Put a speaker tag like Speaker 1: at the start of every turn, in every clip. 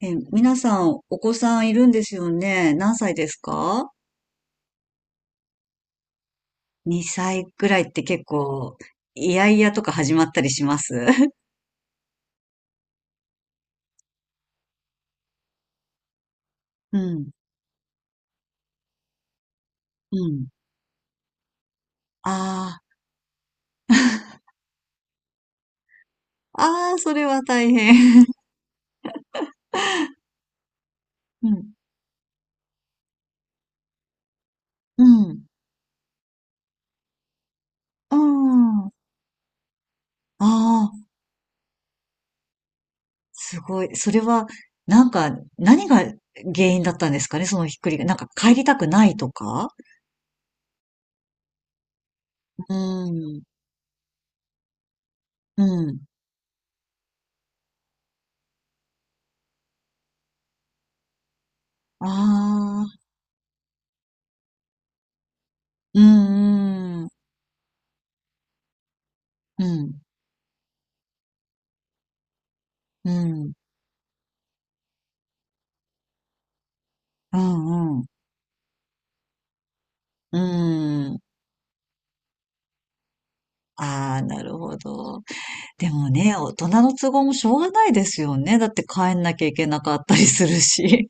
Speaker 1: 皆さん、お子さんいるんですよね。何歳ですか？ 2 歳くらいって結構、いやいやとか始まったりします。 うん、うん。ああ、ああ、それは大変。うん、うん、うん。ああ、すごい。それは、なんか、何が原因だったんですかね、そのひっくりが。なんか帰りたくないとか。うん、うん。ああ、うん、うん、うん、うん、うん、うーん。ああ、なるほど。でもね、大人の都合もしょうがないですよね。だって帰んなきゃいけなかったりするし。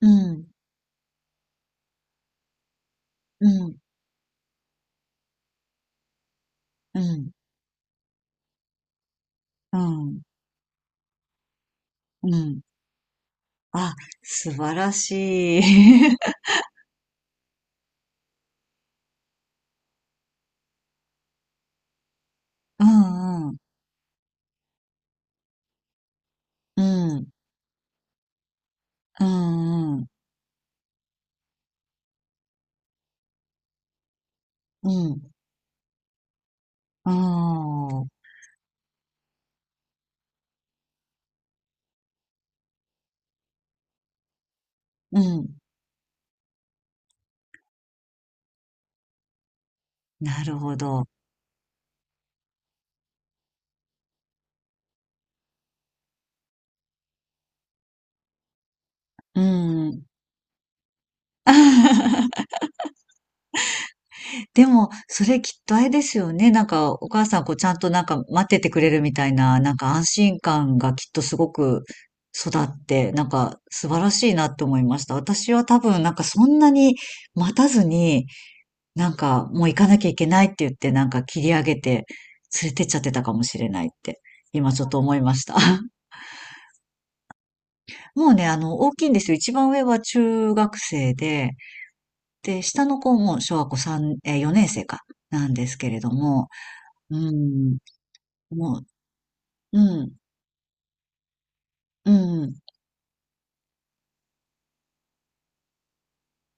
Speaker 1: うん、うん、うん、うん、うん。あ、素晴らしい。うん、うん、うん、うん、うん、うん、うん。なるほど。うん。でも、それきっとあれですよね。なんか、お母さんこうちゃんとなんか待っててくれるみたいな、なんか安心感がきっとすごく育って、なんか素晴らしいなって思いました。私は多分なんかそんなに待たずに、なんかもう行かなきゃいけないって言って、なんか切り上げて連れてっちゃってたかもしれないって、今ちょっと思いました。もうね、大きいんですよ。一番上は中学生で、で、下の子も小学校3年生か、なんですけれども、うん、もう、うん、うん、うん、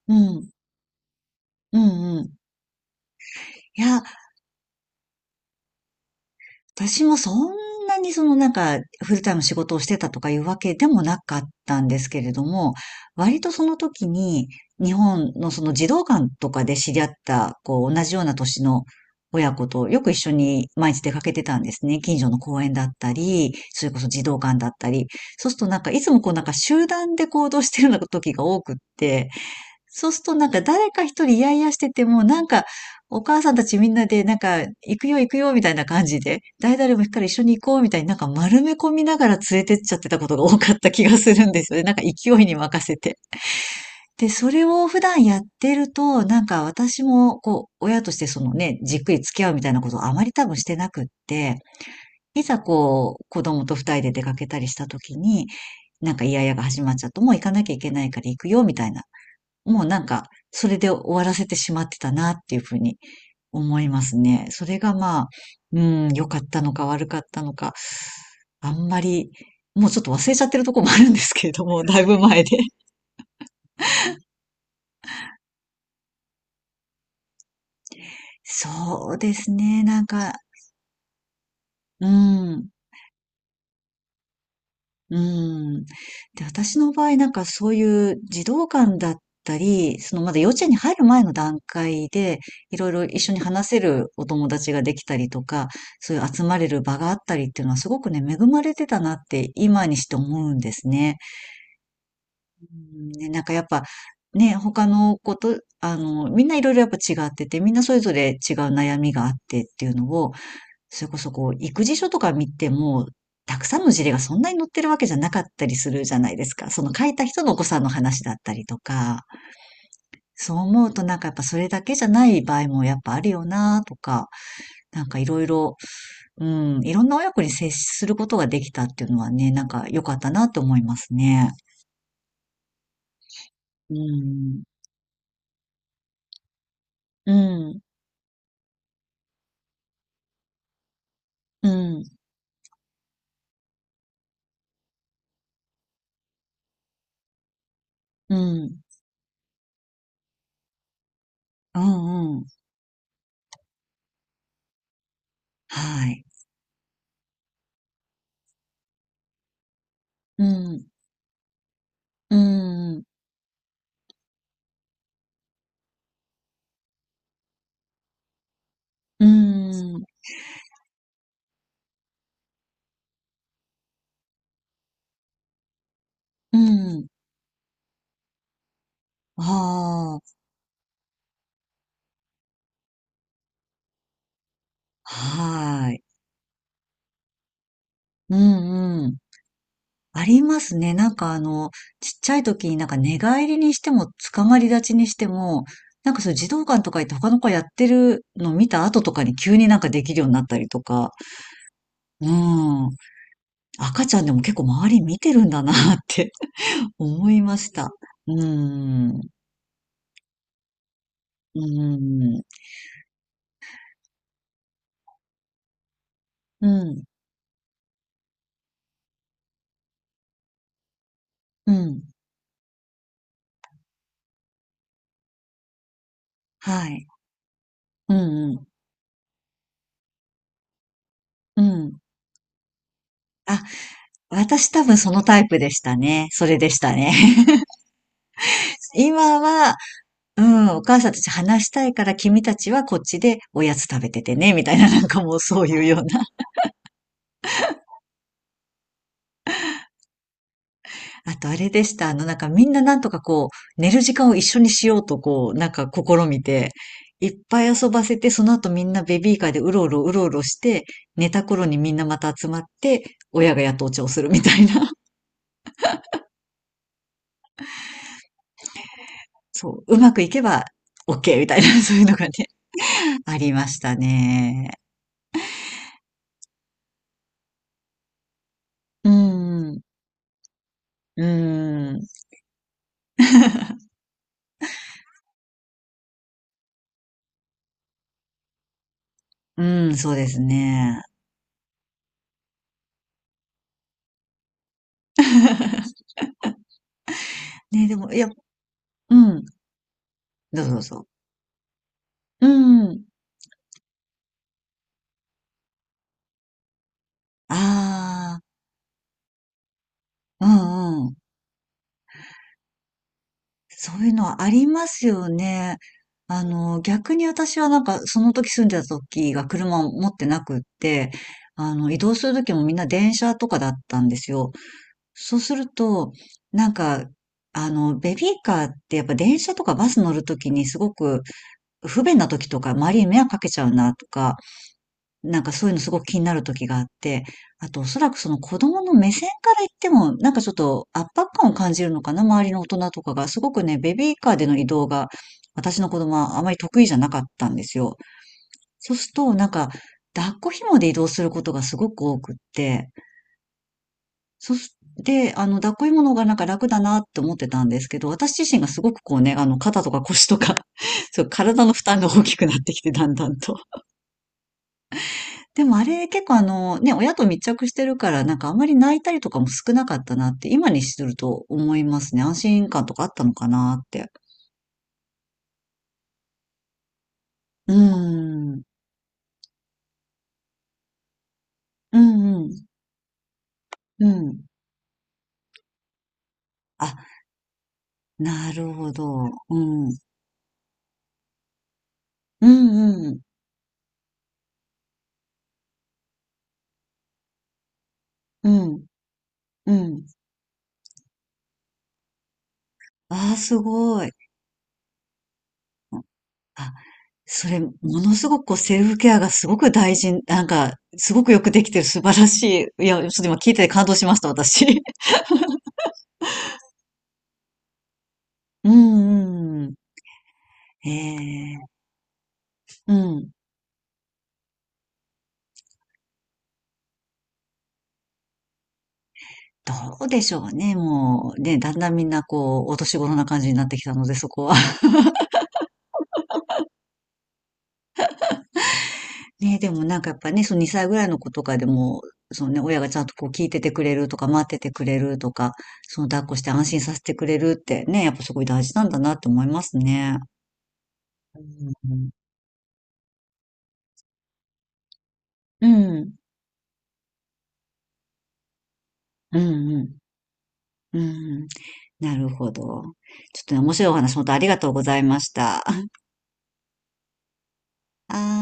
Speaker 1: うん、うん。いや、私もそんなにそのなんか、フルタイム仕事をしてたとかいうわけでもなかったんですけれども、割とその時に、日本のその児童館とかで知り合った、こう、同じような年の親子とよく一緒に毎日出かけてたんですね。近所の公園だったり、それこそ児童館だったり。そうするとなんか、いつもこうなんか集団で行動してるような時が多くって、そうするとなんか誰か一人イヤイヤしてても、なんかお母さんたちみんなでなんか行くよ行くよみたいな感じで、誰々も行くから一緒に行こうみたいになんか丸め込みながら連れてっちゃってたことが多かった気がするんですよね。なんか勢いに任せて。で、それを普段やってると、なんか私もこう、親としてそのね、じっくり付き合うみたいなことをあまり多分してなくって、いざこう、子供と二人で出かけたりした時に、なんかイヤイヤが始まっちゃうと、もう行かなきゃいけないから行くよ、みたいなもうなんか、それで終わらせてしまってたなっていうふうに思いますね。それがまあ、うん、良かったのか悪かったのか、あんまり、もうちょっと忘れちゃってるとこもあるんですけれども、だいぶ前で。そうですね、なんか、うん。うん。で、私の場合なんかそういう児童館だったり、そのまだ幼稚園に入る前の段階で、いろいろ一緒に話せるお友達ができたりとか、そういう集まれる場があったりっていうのはすごくね、恵まれてたなって今にして思うんですね。うん、ね、なんかやっぱ、ね、他の子と、みんないろいろやっぱ違ってて、みんなそれぞれ違う悩みがあってっていうのを、それこそこう、育児書とか見ても、たくさんの事例がそんなに載ってるわけじゃなかったりするじゃないですか。その書いた人のお子さんの話だったりとか、そう思うとなんかやっぱそれだけじゃない場合もやっぱあるよなとか、なんかいろいろ、うん、いろんな親子に接することができたっていうのはね、なんか良かったなと思いますね。うん、うん、うん、うん、うん、うん、はい。うん、うん、うん、うん、はあ。はーい。うんうん。ありますね。なんかちっちゃい時になんか寝返りにしても、捕まり立ちにしても、なんかそういう児童館とか行って他の子やってるの見た後とかに急になんかできるようになったりとか、うん。赤ちゃんでも結構周り見てるんだなって 思いました。うん。うん。うん。うん。はい。うんうん。うん。あ、私多分そのタイプでしたね。それでしたね。今は、うん、お母さんたち話したいから君たちはこっちでおやつ食べててね、みたいななんかもうそういうような。あとあれでした。なんかみんななんとかこう、寝る時間を一緒にしようとこう、なんか試みて、いっぱい遊ばせて、その後みんなベビーカーでうろうろうろうろして、寝た頃にみんなまた集まって、親がやっとお茶をするみたいな。そう、うまくいけば OK みたいな、そういうのがね、ありましたね。うん、うん、うん、そうですね。ね、でも、いや、うん。どうぞどうぞ。うんうん。ああ、うんうん。そういうのはありますよね。逆に私はなんか、その時住んでた時が車を持ってなくって、移動する時もみんな電車とかだったんですよ。そうすると、なんか、ベビーカーってやっぱ電車とかバス乗る時にすごく不便な時とか、周りに迷惑かけちゃうなとか、なんかそういうのすごく気になる時があって、あとおそらくその子供の目線から言っても、なんかちょっと圧迫感を感じるのかな、周りの大人とかが。すごくね、ベビーカーでの移動が、私の子供はあまり得意じゃなかったんですよ。そうすると、なんか、抱っこ紐で移動することがすごく多くって、そして、抱っこ紐の方がなんか楽だなって思ってたんですけど、私自身がすごくこうね、肩とか腰とか そう、体の負担が大きくなってきて、だんだんと。でもあれ、結構ね、親と密着してるから、なんかあんまり泣いたりとかも少なかったなって、今にすると思いますね。安心感とかあったのかなって。うーん。うんうん。うん。あ、なるほど。うん。うんうん。うん。うん。ああ、すごい。あ、それ、ものすごくこうセルフケアがすごく大事、なんか、すごくよくできてる素晴らしい。いや、ちょっと今聞いてて感動しました、私。うんうんうん。ええ。うん。どうでしょうね。もう、ね、だんだんみんなこう、お年頃な感じになってきたので、そこは。ね、でもなんかやっぱね、その2歳ぐらいの子とかでも、そのね、親がちゃんとこう聞いててくれるとか、待っててくれるとか、その抱っこして安心させてくれるってね、やっぱすごい大事なんだなって思いますね。うん。うん。うんうん。うん。なるほど。ちょっとね、面白いお話、本当ありがとうございました。あー